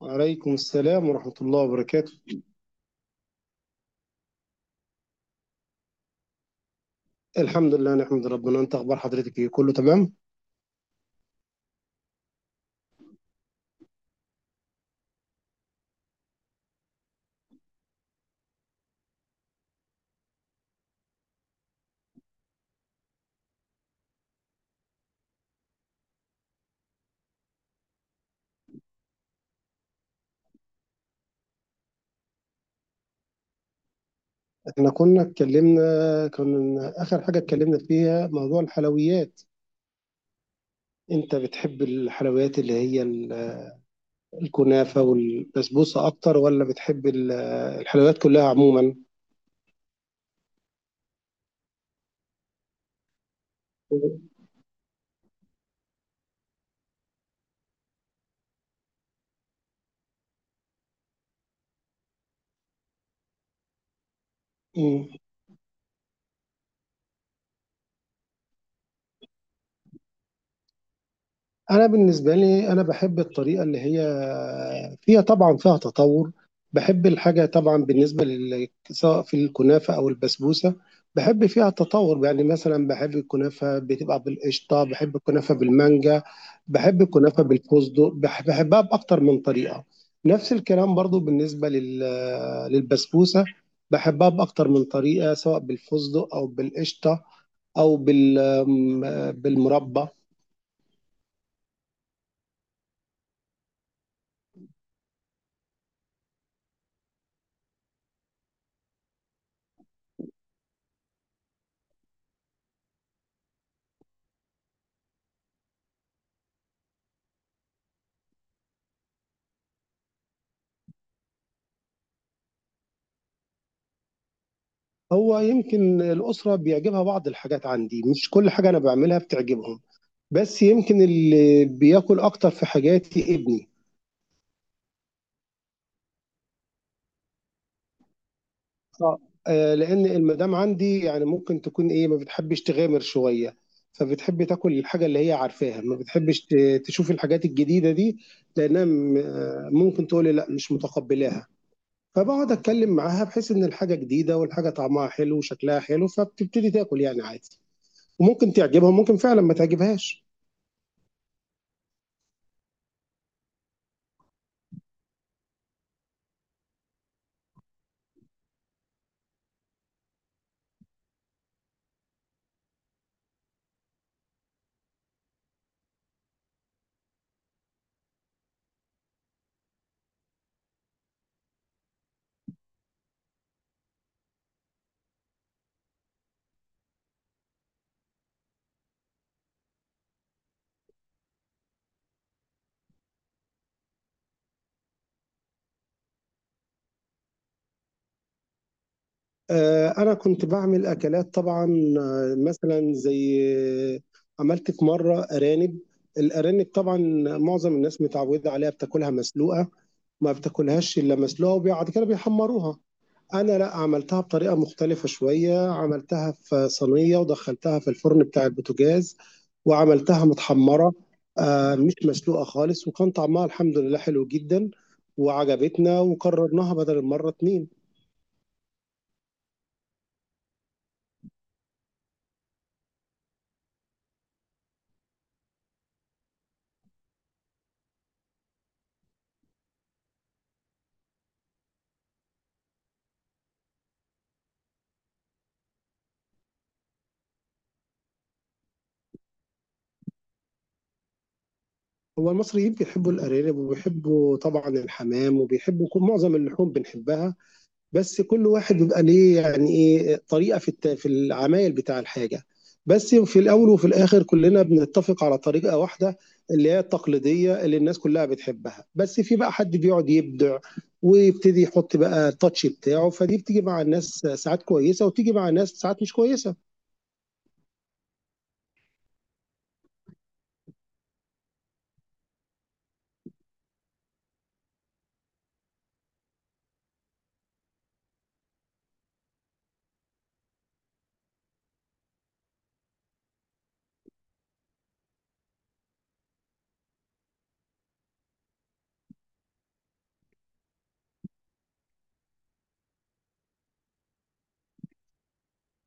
وعليكم السلام ورحمة الله وبركاته. الحمد لله نحمد ربنا. انت اخبار حضرتك ايه؟ كله تمام؟ احنا كنا اتكلمنا كنا اخر حاجة اتكلمنا فيها موضوع الحلويات. انت بتحب الحلويات اللي هي الكنافة والبسبوسة اكتر، ولا بتحب الحلويات كلها عموما؟ مم. انا بالنسبه لي، انا بحب الطريقه اللي هي فيها طبعا فيها تطور. بحب الحاجه طبعا بالنسبه سواء في الكنافه او البسبوسه. بحب فيها تطور، يعني مثلا بحب الكنافه بتبقى بالقشطه، بحب الكنافه بالمانجا، بحب الكنافه بالفستق، بحبها باكتر من طريقه. نفس الكلام برضو بالنسبه للبسبوسه. بحبها باكتر من طريقه، سواء بالفستق او بالقشطه او بالمربى. هو يمكن الأسرة بيعجبها بعض الحاجات عندي، مش كل حاجة أنا بعملها بتعجبهم، بس يمكن اللي بياكل أكتر في حاجاتي ابني. اه. لأن المدام عندي يعني ممكن تكون إيه، ما بتحبش تغامر شوية. فبتحب تاكل الحاجة اللي هي عارفاها، ما بتحبش تشوف الحاجات الجديدة دي، لأنها ممكن تقول لي لا مش متقبلاها. فبقعد أتكلم معاها بحيث إن الحاجة جديدة، والحاجة طعمها حلو وشكلها حلو، فبتبتدي تاكل يعني عادي. وممكن تعجبها وممكن فعلا ما تعجبهاش. أنا كنت بعمل أكلات طبعا. مثلا زي آه، عملت في مرة أرانب. الأرانب طبعا معظم الناس متعودة عليها بتاكلها مسلوقة، ما بتاكلهاش إلا مسلوقة وبعد كده بيحمروها. أنا لا، عملتها بطريقة مختلفة شوية، عملتها في صينية ودخلتها في الفرن بتاع البوتاجاز وعملتها متحمرة، مش مسلوقة خالص، وكان طعمها الحمد لله حلو جدا، وعجبتنا وكررناها بدل المرة اتنين. هو المصري يمكن يحبوا الارانب، وبيحبوا طبعا الحمام، وبيحبوا كل معظم اللحوم بنحبها، بس كل واحد بيبقى ليه يعني ايه طريقه في العمايل بتاع الحاجه. بس في الاول وفي الاخر كلنا بنتفق على طريقه واحده، اللي هي التقليديه اللي الناس كلها بتحبها، بس في بقى حد بيقعد يبدع ويبتدي يحط بقى التاتش بتاعه، فدي بتيجي مع الناس ساعات كويسه، وتيجي مع الناس ساعات مش كويسه.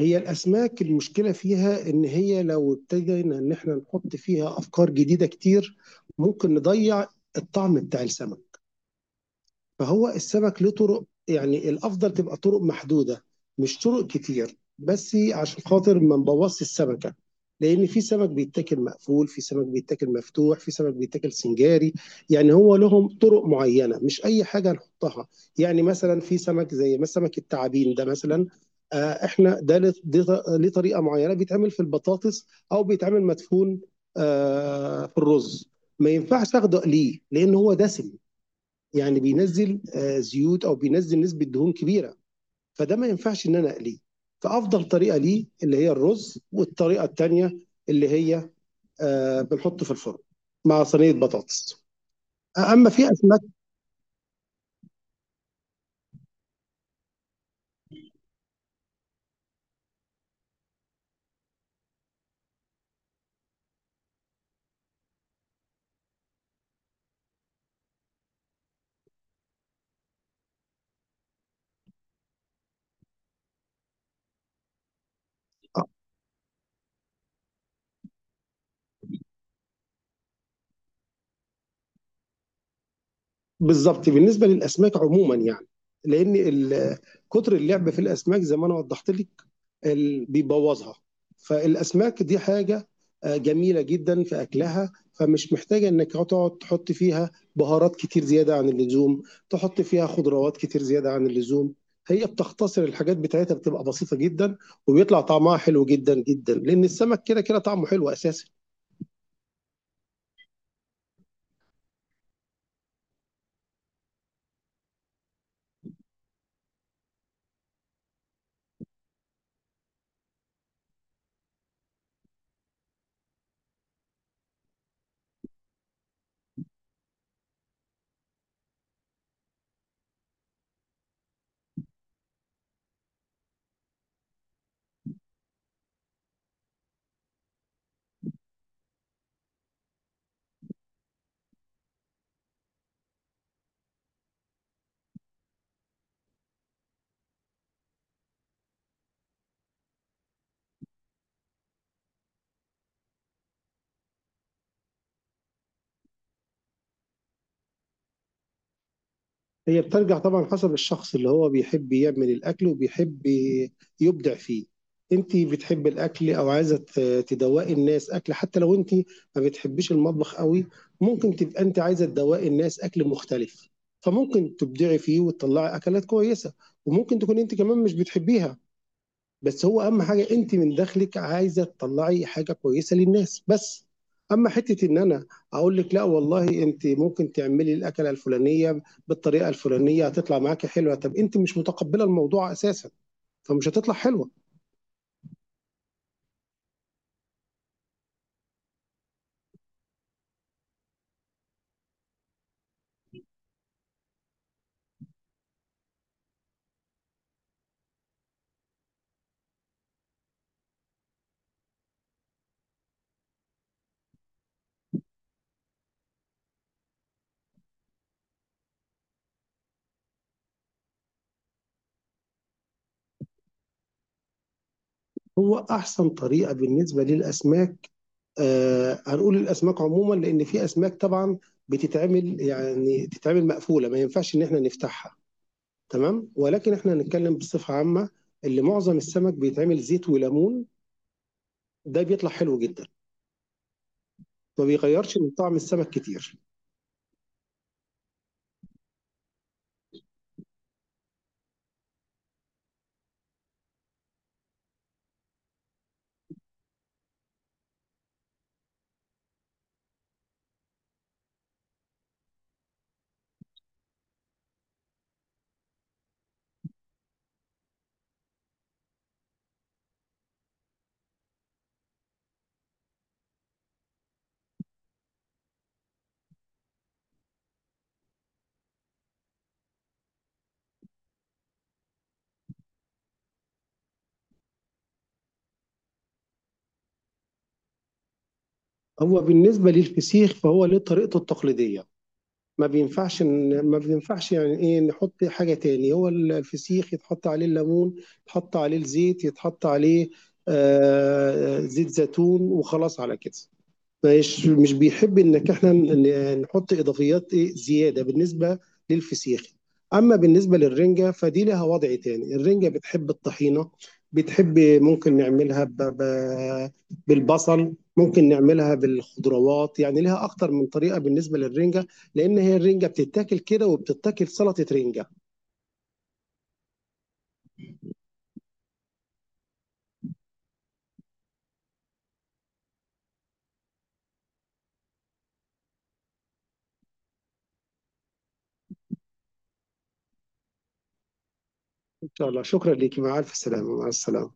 هي الأسماك المشكلة فيها إن هي لو ابتدينا إن إحنا نحط فيها أفكار جديدة كتير، ممكن نضيع الطعم بتاع السمك. فهو السمك له طرق، يعني الافضل تبقى طرق محدوده، مش طرق كتير، بس عشان خاطر ما نبوظش السمكه. لان في سمك بيتاكل مقفول، في سمك بيتاكل مفتوح، في سمك بيتاكل سنجاري، يعني هو لهم طرق معينه، مش اي حاجه نحطها. يعني مثلا في سمك زي ما سمك التعابين ده مثلا، احنا ده، ليه طريقه معينه، بيتعمل في البطاطس او بيتعمل مدفون في الرز. ما ينفعش اخده ليه لان هو دسم، يعني بينزل زيوت، او بينزل نسبه دهون كبيره، فده ما ينفعش ان انا اقليه. فافضل طريقه ليه اللي هي الرز، والطريقه الثانيه اللي هي بنحطه في الفرن مع صينيه بطاطس. اما في اسماك، آه، بالظبط بالنسبه للاسماك عموما يعني، لان كتر اللعب في الاسماك زي ما انا وضحت لك، بيبوظها. فالاسماك دي حاجه جميله جدا في اكلها، فمش محتاجه انك تقعد تحط فيها بهارات كتير زياده عن اللزوم، تحط فيها خضروات كتير زياده عن اللزوم. هي بتختصر الحاجات بتاعتها، بتبقى بسيطه جدا، وبيطلع طعمها حلو جدا جدا، لان السمك كده كده طعمه حلو اساسا. هي بترجع طبعا حسب الشخص اللي هو بيحب يعمل الأكل وبيحب يبدع فيه. انت بتحب الأكل، أو عايزة تدوقي الناس أكل، حتى لو انت ما بتحبيش المطبخ قوي، ممكن تبقى انت عايزة تدوقي الناس أكل مختلف، فممكن تبدعي فيه وتطلعي أكلات كويسة، وممكن تكون انت كمان مش بتحبيها، بس هو اهم حاجه انت من داخلك عايزه تطلعي حاجه كويسه للناس بس. اما حته ان انا اقول لك لا والله انت ممكن تعملي الاكله الفلانيه بالطريقه الفلانيه هتطلع معاكي حلوه، طب انت مش متقبله الموضوع اساسا، فمش هتطلع حلوه. هو احسن طريقه بالنسبه للاسماك، هنقول الاسماك عموما، لان في اسماك طبعا بتتعمل يعني تتعمل مقفوله، ما ينفعش ان احنا نفتحها، تمام، ولكن احنا هنتكلم بصفه عامه. اللي معظم السمك بيتعمل زيت وليمون، ده بيطلع حلو جدا، ما بيغيرش من طعم السمك كتير. هو بالنسبة للفسيخ فهو ليه طريقته التقليدية، ما بينفعش إن- ما بينفعش يعني ايه نحط حاجة تاني. هو الفسيخ يتحط عليه الليمون، يتحط عليه الزيت، يتحط عليه زيت زيتون، وخلاص على كده، مش مش بيحب انك احنا نحط اضافيات ايه زياده بالنسبه للفسيخ. اما بالنسبه للرنجه فدي لها وضع تاني، الرنجه بتحب الطحينه، بتحب ممكن نعملها بالبصل، ممكن نعملها بالخضروات، يعني لها اكتر من طريقه بالنسبه للرنجه، لان هي الرنجه بتتاكل كده وبتتاكل سلطه رنجه. ان شاء الله، شكرا ليكي، مع الف سلامه، مع السلامه.